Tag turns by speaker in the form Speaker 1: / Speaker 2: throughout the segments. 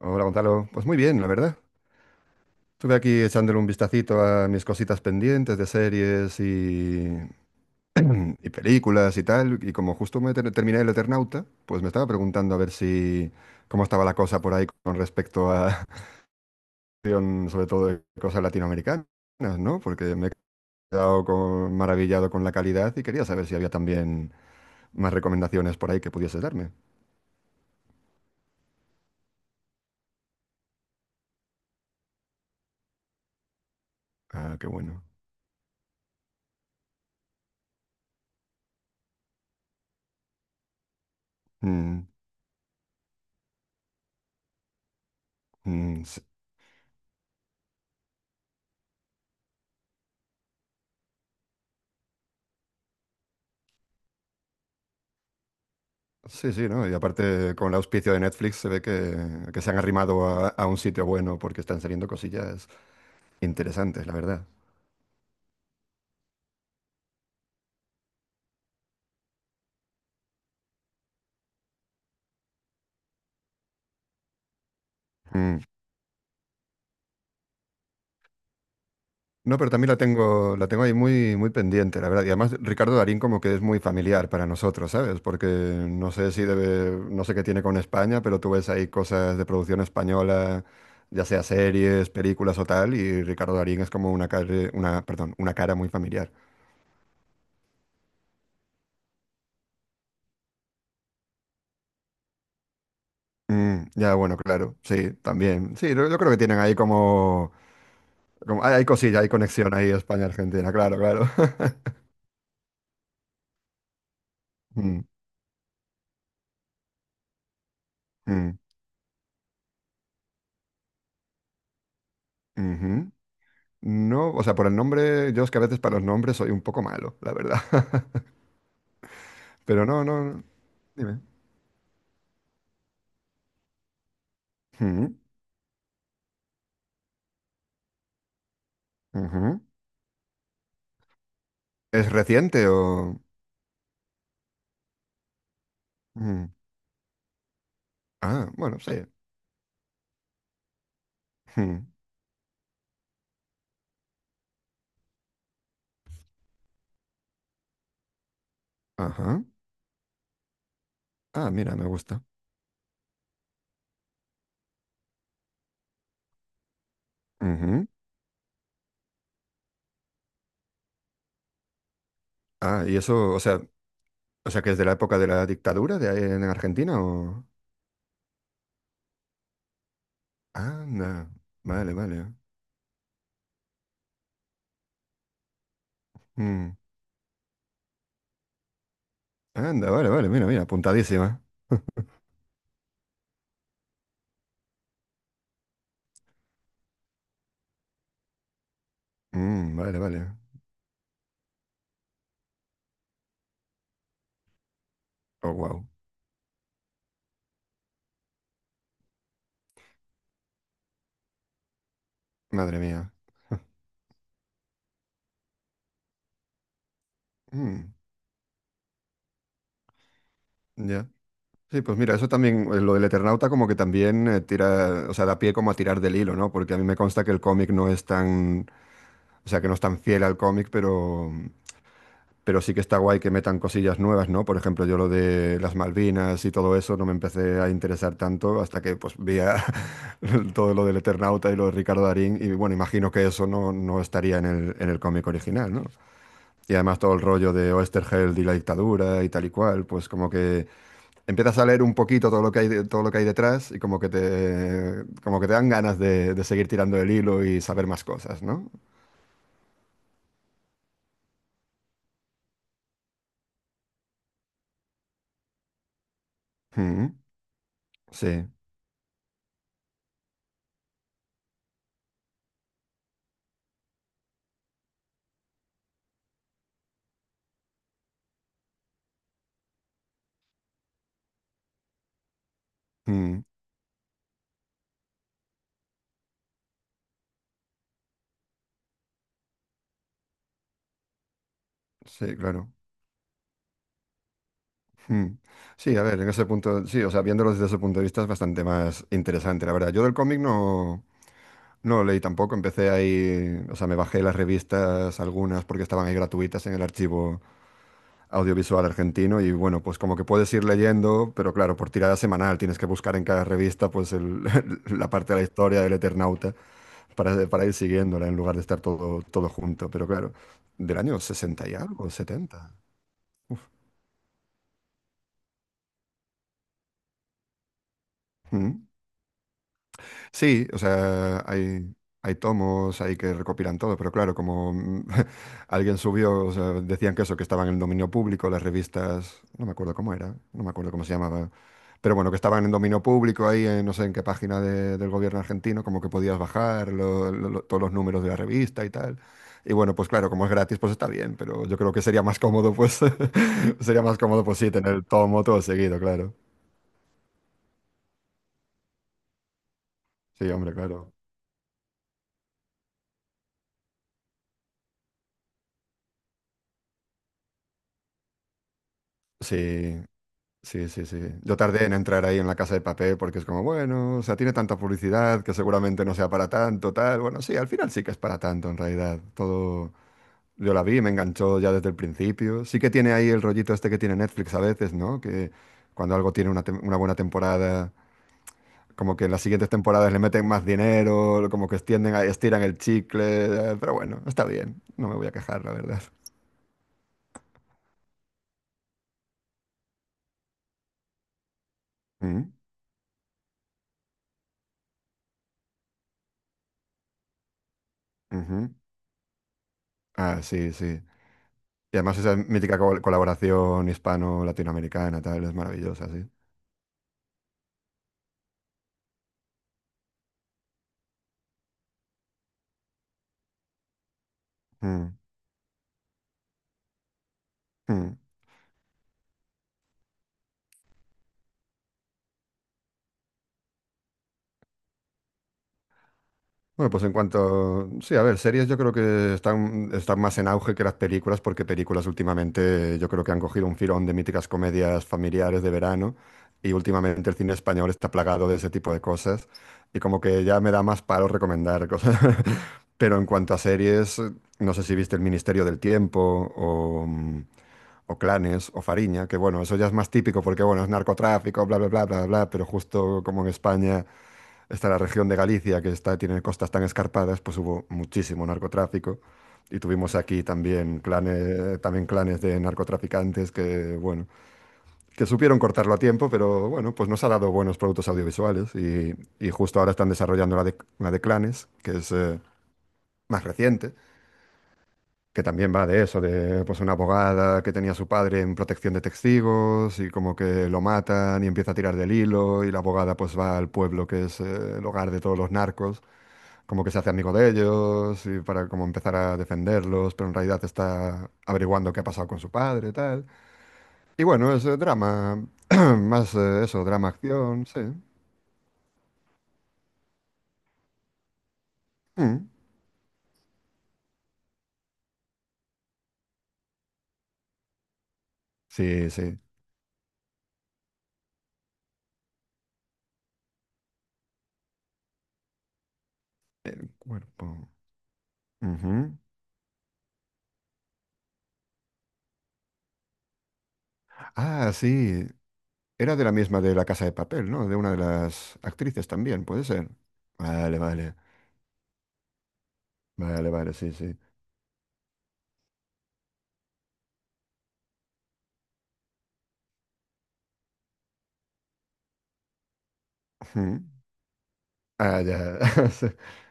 Speaker 1: Hola Gonzalo, pues muy bien, la verdad. Estuve aquí echándole un vistacito a mis cositas pendientes de series y películas y tal, y como justo terminé el Eternauta, pues me estaba preguntando a ver si cómo estaba la cosa por ahí con respecto a sobre todo de cosas latinoamericanas, ¿no? Porque me he maravillado con la calidad y quería saber si había también más recomendaciones por ahí que pudiese darme. Ah, qué bueno. Mm, mm, sí, sí, ¿no? Y aparte, con el auspicio de Netflix se ve que se han arrimado a un sitio bueno porque están saliendo cosillas interesantes, la verdad. Mm. No, pero también la tengo ahí muy, muy pendiente, la verdad. Y además, Ricardo Darín como que es muy familiar para nosotros, ¿sabes? Porque no sé si debe, no sé qué tiene con España, pero tú ves ahí cosas de producción española, ya sea series, películas o tal, y Ricardo Darín es como una cara, una, perdón, una cara muy familiar. Mm, ya, bueno, claro, sí, también. Sí, yo creo que tienen ahí como... Hay, hay cosilla, hay conexión ahí España-Argentina, claro, claro. Mm, mm, ujú. No, o sea, por el nombre, yo es que a veces para los nombres soy un poco malo, la verdad. Pero no, no, no, dime. Mm, ujú. ¿Es reciente o...? Mm, ah, bueno, sí. Mm, ajá. Ah, mira, me gusta. Ujú. Ah, y eso, o sea, que es de la época de la dictadura de ahí en Argentina o... Anda, vale, vale. Mm, anda, vale, vale, mira, mira, apuntadísima. Mm, vale, vale. Oh, wow. Madre mía. Mm, ya. Sí, pues mira, eso también, lo del Eternauta como que también tira, o sea, da pie como a tirar del hilo, ¿no? Porque a mí me consta que el cómic no es tan, o sea, que no es tan fiel al cómic, pero sí que está guay que metan cosillas nuevas, ¿no? Por ejemplo, yo lo de las Malvinas y todo eso no me empecé a interesar tanto hasta que pues todo lo del Eternauta y lo de Ricardo Darín y bueno, imagino que eso no, no estaría en el cómic original, ¿no? Y además todo el rollo de Oesterheld y la dictadura y tal y cual, pues como que empiezas a leer un poquito todo lo que hay, todo lo que hay detrás y como que te dan ganas de seguir tirando el hilo y saber más cosas, ¿no? Mm, sí, mm, sí, claro. Mm. Sí, a ver, en ese punto, sí, o sea, viéndolo desde ese punto de vista es bastante más interesante, la verdad. Yo del cómic no, no lo leí tampoco, empecé ahí, o sea, me bajé las revistas, algunas porque estaban ahí gratuitas en el archivo audiovisual argentino y bueno, pues como que puedes ir leyendo, pero claro, por tirada semanal tienes que buscar en cada revista la parte de la historia del Eternauta para ir siguiéndola en lugar de estar todo, todo junto, pero claro, del año 60 y algo, setenta. Uf. Mm. Sí, o sea, hay tomos ahí que recopilan todo, pero claro, como alguien subió, o sea, decían que eso, que estaban en dominio público, las revistas, no me acuerdo cómo era, no me acuerdo cómo se llamaba, pero bueno, que estaban en dominio público ahí, en, no sé en qué página del gobierno argentino, como que podías bajar todos los números de la revista y tal. Y bueno, pues claro, como es gratis, pues está bien, pero yo creo que sería más cómodo, pues, sería más cómodo, pues sí, tener el tomo todo seguido, claro. Sí, hombre, claro. Sí, sí, sí, sí. Yo tardé en entrar ahí en la Casa de Papel porque es como, bueno, o sea, tiene tanta publicidad que seguramente no sea para tanto, tal. Bueno, sí, al final sí que es para tanto en realidad. Todo, yo la vi, me enganchó ya desde el principio. Sí que tiene ahí el rollito este que tiene Netflix a veces, ¿no? Que cuando algo tiene una, una buena temporada, como que en las siguientes temporadas le meten más dinero, como que extienden, estiran el chicle, pero bueno, está bien. No me voy a quejar, la verdad. Mm, ujú. Ah, sí, sí. Y además esa mítica colaboración hispano-latinoamericana, tal, es maravillosa, sí. Mm, mm. Bueno, pues en cuanto... Sí, a ver, series yo creo que están, están más en auge que las películas, porque películas últimamente yo creo que han cogido un filón de míticas comedias familiares de verano, y últimamente el cine español está plagado de ese tipo de cosas, y como que ya me da más palo recomendar cosas. Pero en cuanto a series, no sé si viste El Ministerio del Tiempo o... o Clanes o Fariña, que bueno, eso ya es más típico porque bueno, es narcotráfico, bla, bla, bla, bla, bla, pero justo como en España está la región de Galicia que está, tiene costas tan escarpadas, pues hubo muchísimo narcotráfico y tuvimos aquí también clanes de narcotraficantes que bueno, que supieron cortarlo a tiempo, pero bueno, pues nos ha dado buenos productos audiovisuales y justo ahora están desarrollando la de Clanes, que es... más reciente, que también va de eso, de pues una abogada que tenía a su padre en protección de testigos y como que lo matan y empieza a tirar del hilo y la abogada pues va al pueblo que es el hogar de todos los narcos, como que se hace amigo de ellos y para como empezar a defenderlos, pero en realidad está averiguando qué ha pasado con su padre y tal. Y bueno, es drama, más eso, drama acción, sí. Mm, sí, sí. El cuerpo. Ujú. Ah, sí. Era de la misma de La Casa de Papel, ¿no? De una de las actrices también, puede ser. Vale, vale. Vale, vale, sí, sí. Ujú. Ah, ya.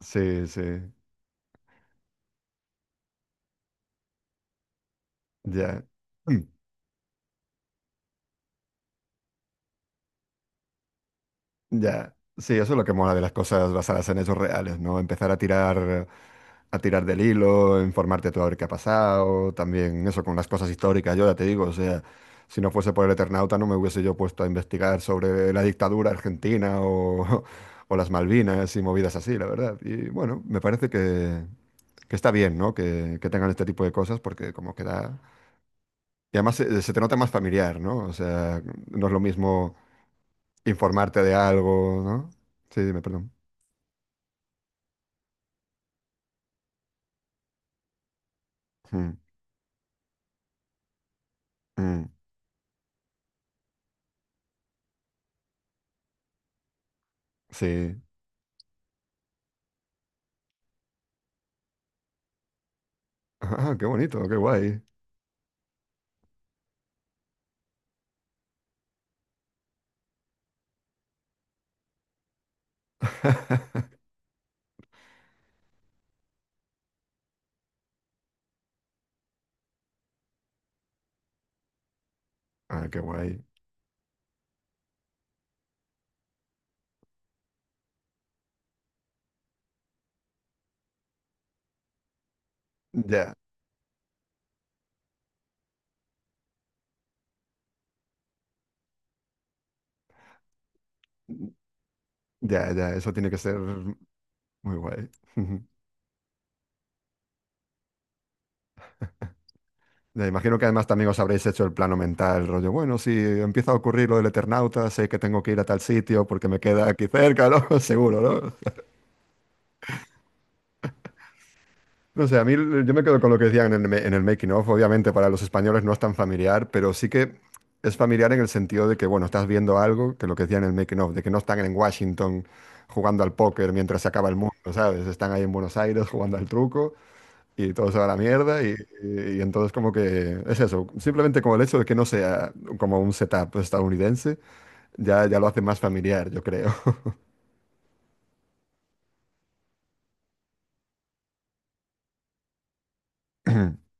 Speaker 1: Sí, sí. Ya. Ya, sí, eso es lo que mola de las cosas basadas en hechos reales, ¿no? Empezar a tirar del hilo, informarte tú a ver qué ha pasado, también eso con las cosas históricas, yo ya te digo, o sea, si no fuese por el Eternauta no me hubiese yo puesto a investigar sobre la dictadura argentina o, o las Malvinas y movidas así, la verdad. Y bueno, me parece que está bien, ¿no? Que tengan este tipo de cosas porque como que da... Y además se, se te nota más familiar, ¿no? O sea, no es lo mismo informarte de algo, ¿no? Sí, dime, perdón. Mm, mm, sí. Ah, qué bonito, qué guay. Ah, qué guay. Ya, ya, ya, eso tiene que ser muy guay. Ya, imagino que además también os habréis hecho el plano mental, rollo, bueno, si empieza a ocurrir lo del Eternauta, sé que tengo que ir a tal sitio porque me queda aquí cerca, ¿no? Seguro, ¿no? No sé, yo me quedo con lo que decían en el, en el making of. Obviamente para los españoles no es tan familiar, pero sí que es familiar en el sentido de que, bueno, estás viendo algo que lo que decían en el making of, de que no están en Washington jugando al póker mientras se acaba el mundo, ¿sabes? Están ahí en Buenos Aires jugando al truco y todo se va a la mierda y, y entonces como que es eso, simplemente como el hecho de que no sea como un setup estadounidense, ya, ya lo hace más familiar, yo creo.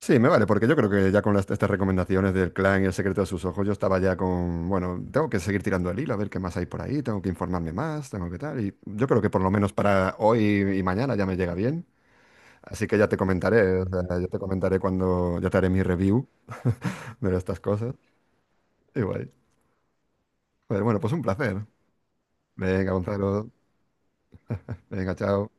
Speaker 1: Sí, me vale, porque yo creo que ya con estas recomendaciones del clan y el secreto de sus ojos, yo estaba ya con, bueno, tengo que seguir tirando el hilo, a ver qué más hay por ahí, tengo que informarme más, tengo que tal, y yo creo que por lo menos para hoy y mañana ya me llega bien, así que ya te comentaré, o sea, yo te comentaré cuando, ya te haré mi review de estas cosas, igual. Pero bueno, pues un placer. Venga, Gonzalo, venga, chao.